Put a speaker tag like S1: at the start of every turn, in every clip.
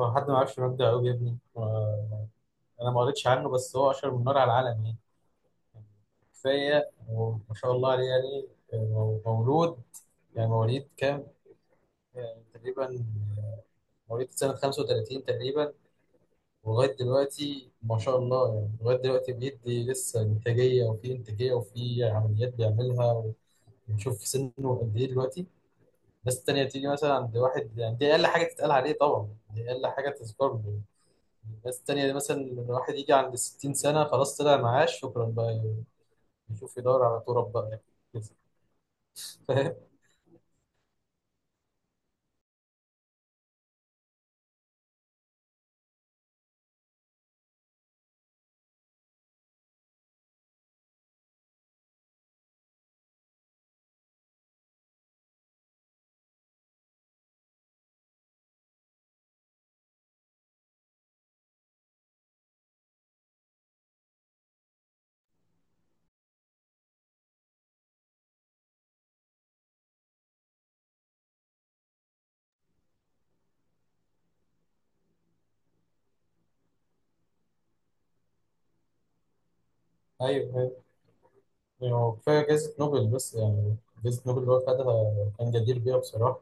S1: هو حد ما يعرفش مجدي يعقوب يا ابني انا ما قريتش عنه بس هو اشهر من نار على العالم يعني كفايه وما شاء الله عليه يعني مولود يعني مواليد كام يعني تقريبا آه، مواليد سنه 35 تقريبا. ولغايه دلوقتي ما شاء الله يعني لغايه دلوقتي بيدي لسه انتاجيه وفي عمليات بيعملها ونشوف في سنه قد ايه دلوقتي. الناس التانية تيجي مثلا عند واحد، يعني دي أقل حاجة تتقال عليه، طبعا دي أقل حاجة تذكر له. الناس التانية دي مثلا لما الواحد يجي عند 60 سنة خلاص طلع معاش شكرا بقى، يشوف يدور على تراب بقى يعني. فاهم؟ أيوه أيوه. يعني هو كفاية جايزة نوبل بس يعني، جايزة نوبل اللي هو خدها كان جدير بيها بصراحة.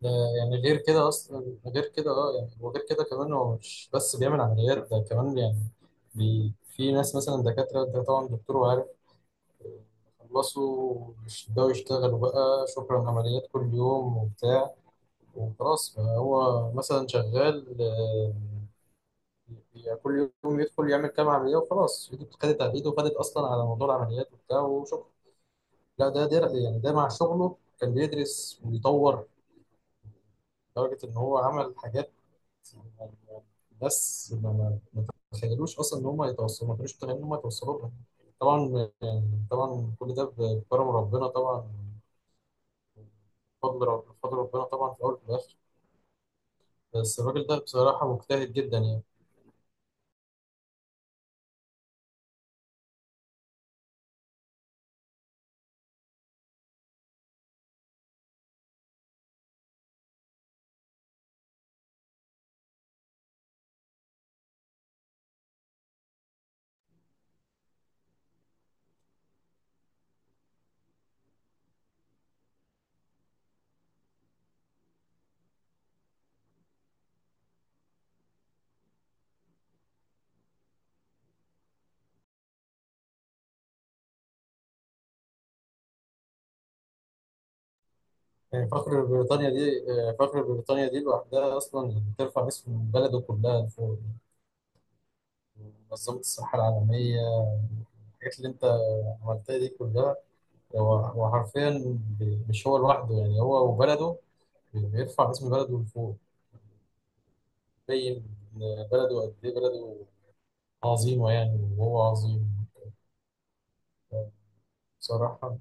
S1: ده يعني غير كده أصلا، غير كده أه يعني، وغير كده كمان هو مش بس بيعمل عمليات، ده كمان يعني بي في ناس مثلا دكاترة، ده طبعا دكتور وعارف، آه، خلصوا مش بيبدأوا يشتغلوا بقى، شكرا عمليات كل يوم وبتاع وخلاص. فهو مثلا شغال يعني كل يوم يدخل يعمل كام عملية وخلاص، ايده خدت، على ايده وخدت اصلا على موضوع العمليات وبتاع وشكرا. لا ده يعني ده مع شغله كان بيدرس ويطور لدرجة ان هو عمل حاجات يعني، بس ما تخيلوش اصلا ان هم يتوصلوا، ما كانوش متخيلين ان هم يتوصلوا لها. طبعا يعني طبعا كل ده بكرم ربنا طبعا، بفضل ربنا طبعا في الاول وفي الاخر. بس الراجل ده بصراحة مجتهد جدا يعني. يعني فخر بريطانيا دي فخر بريطانيا دي لوحدها أصلا بترفع اسم بلده كلها فوق. منظمة الصحة العالمية، الحاجات اللي أنت عملتها دي كلها، هو حرفيا مش هو لوحده، يعني هو وبلده بيرفع اسم بلده لفوق. بين، بلده قد إيه، بلده عظيمة يعني وهو عظيم بصراحة.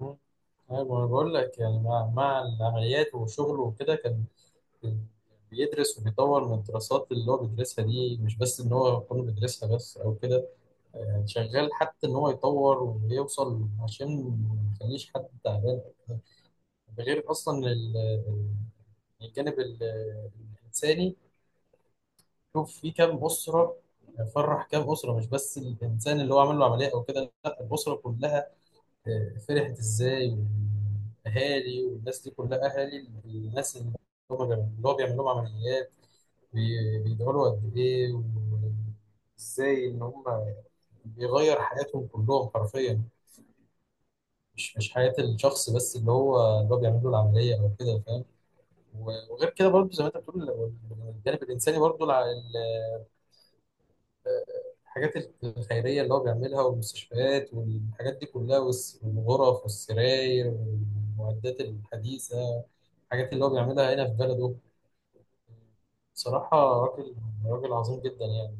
S1: مم. أيوة، ما أنا بقول لك يعني مع العمليات وشغله وكده كان بيدرس وبيطور من الدراسات اللي هو بيدرسها دي، مش بس ان هو يكون بيدرسها بس او كده، يعني شغال حتى ان هو يطور ويوصل عشان ما يخليش حد تعبان. ده غير اصلا الجانب الانساني، شوف في كام اسره فرح، كام اسره، مش بس الانسان اللي هو عمل له عمليه او كده، لا الاسره كلها فرحت ازاي. والاهالي والناس دي كلها اهالي الناس اللي هو بيعمل لهم عمليات بيدعوا له قد ايه، وازاي ان هم بيغير حياتهم كلهم حرفيا، مش حياة الشخص بس اللي هو بيعمل له العملية او كده، فاهم. وغير كده برضه زي ما انت بتقول، ال- الجانب الانساني برضه الحاجات الخيرية اللي هو بيعملها والمستشفيات والحاجات دي كلها، والغرف والسراير والمعدات الحديثة، الحاجات اللي هو بيعملها هنا في بلده. صراحة راجل، راجل عظيم جدا يعني.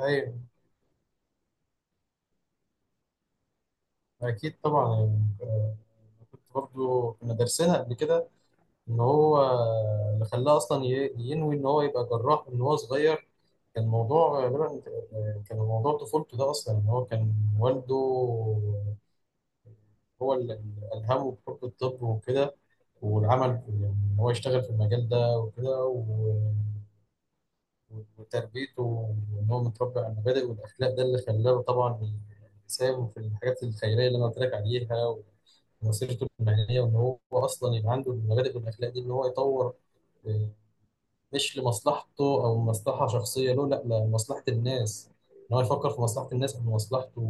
S1: أيوة أكيد طبعا يعني آه، كنت برضو كنا دارسينها قبل كده. إن هو اللي خلاه أصلا ينوي إن هو يبقى جراح من هو صغير. كان الموضوع غالبا كان موضوع طفولته ده أصلا، إن هو كان والده هو اللي ألهمه بحب الطب وكده، والعمل يعني إن هو يشتغل في المجال ده وكده. وتربيته وإن هو متربي على المبادئ والأخلاق، ده اللي خلاه طبعا يساهم في الحاجات الخيرية اللي أنا قلت لك عليها، ومسيرته المهنية، وإن هو أصلا يبقى عنده المبادئ والأخلاق دي، إن هو يطور آه، مش لمصلحته أو مصلحة شخصية له، لا لمصلحة الناس، إن هو يفكر في مصلحة الناس قبل مصلحته،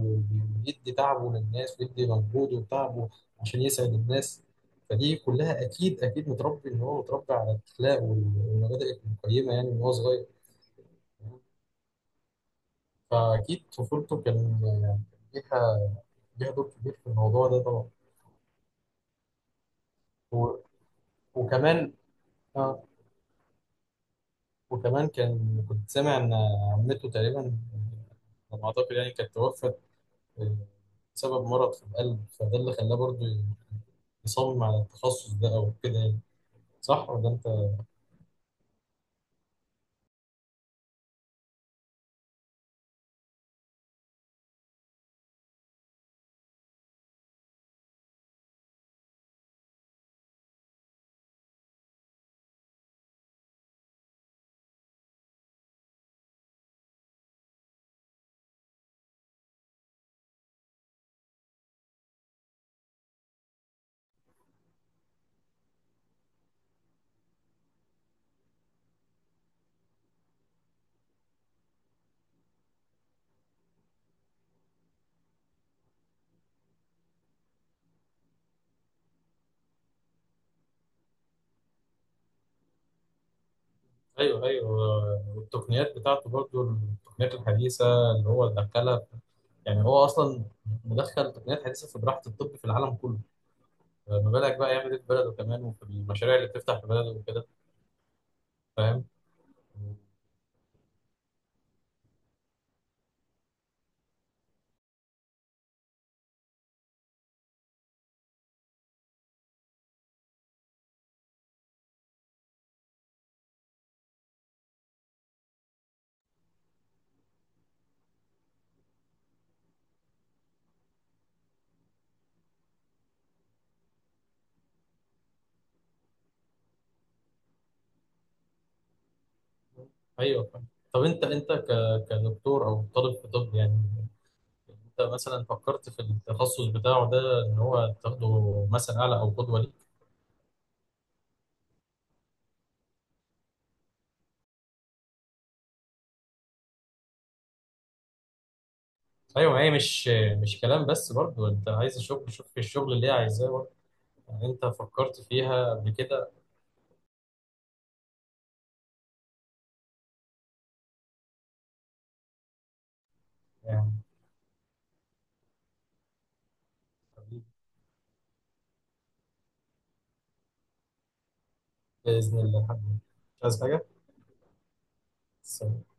S1: ويدي تعبه للناس ويدي مجهوده وتعبه عشان يسعد الناس. فدي كلها أكيد، أكيد متربي، إن هو متربي على الأخلاق والمبادئ القيمة يعني من هو صغير. فأكيد طفولته كان كان ليها، ليها دور كبير في الموضوع ده طبعا. و... وكمان آه. وكمان كان سامع إن عمته تقريبا على ما أعتقد يعني كانت توفت آه، بسبب مرض في القلب، فده اللي خلاه برضه يصمم على التخصص ده أو كده يعني. صح ولا أنت؟ أيوه أيوه. والتقنيات بتاعته برضه، التقنيات الحديثة اللي هو دخلها، يعني هو أصلا مدخل تقنيات حديثة في براحة الطب في العالم كله، ما بالك بقى يعمل ايه في بلده كمان وفي المشاريع اللي بتفتح في بلده وكده، فاهم. ايوه فاهم. طب كدكتور او طالب في طب يعني، انت مثلا فكرت في التخصص بتاعه ده، ان هو تاخده مثلا اعلى او قدوه ليك. ايوه، ما هي مش كلام بس برضه، انت عايز شغل، شوف في الشغل اللي هي عايزاه برضه. يعني انت فكرت فيها قبل كده؟ يعني حبيبي، باذن الله حبيبي. مش عايز حاجه. سلام.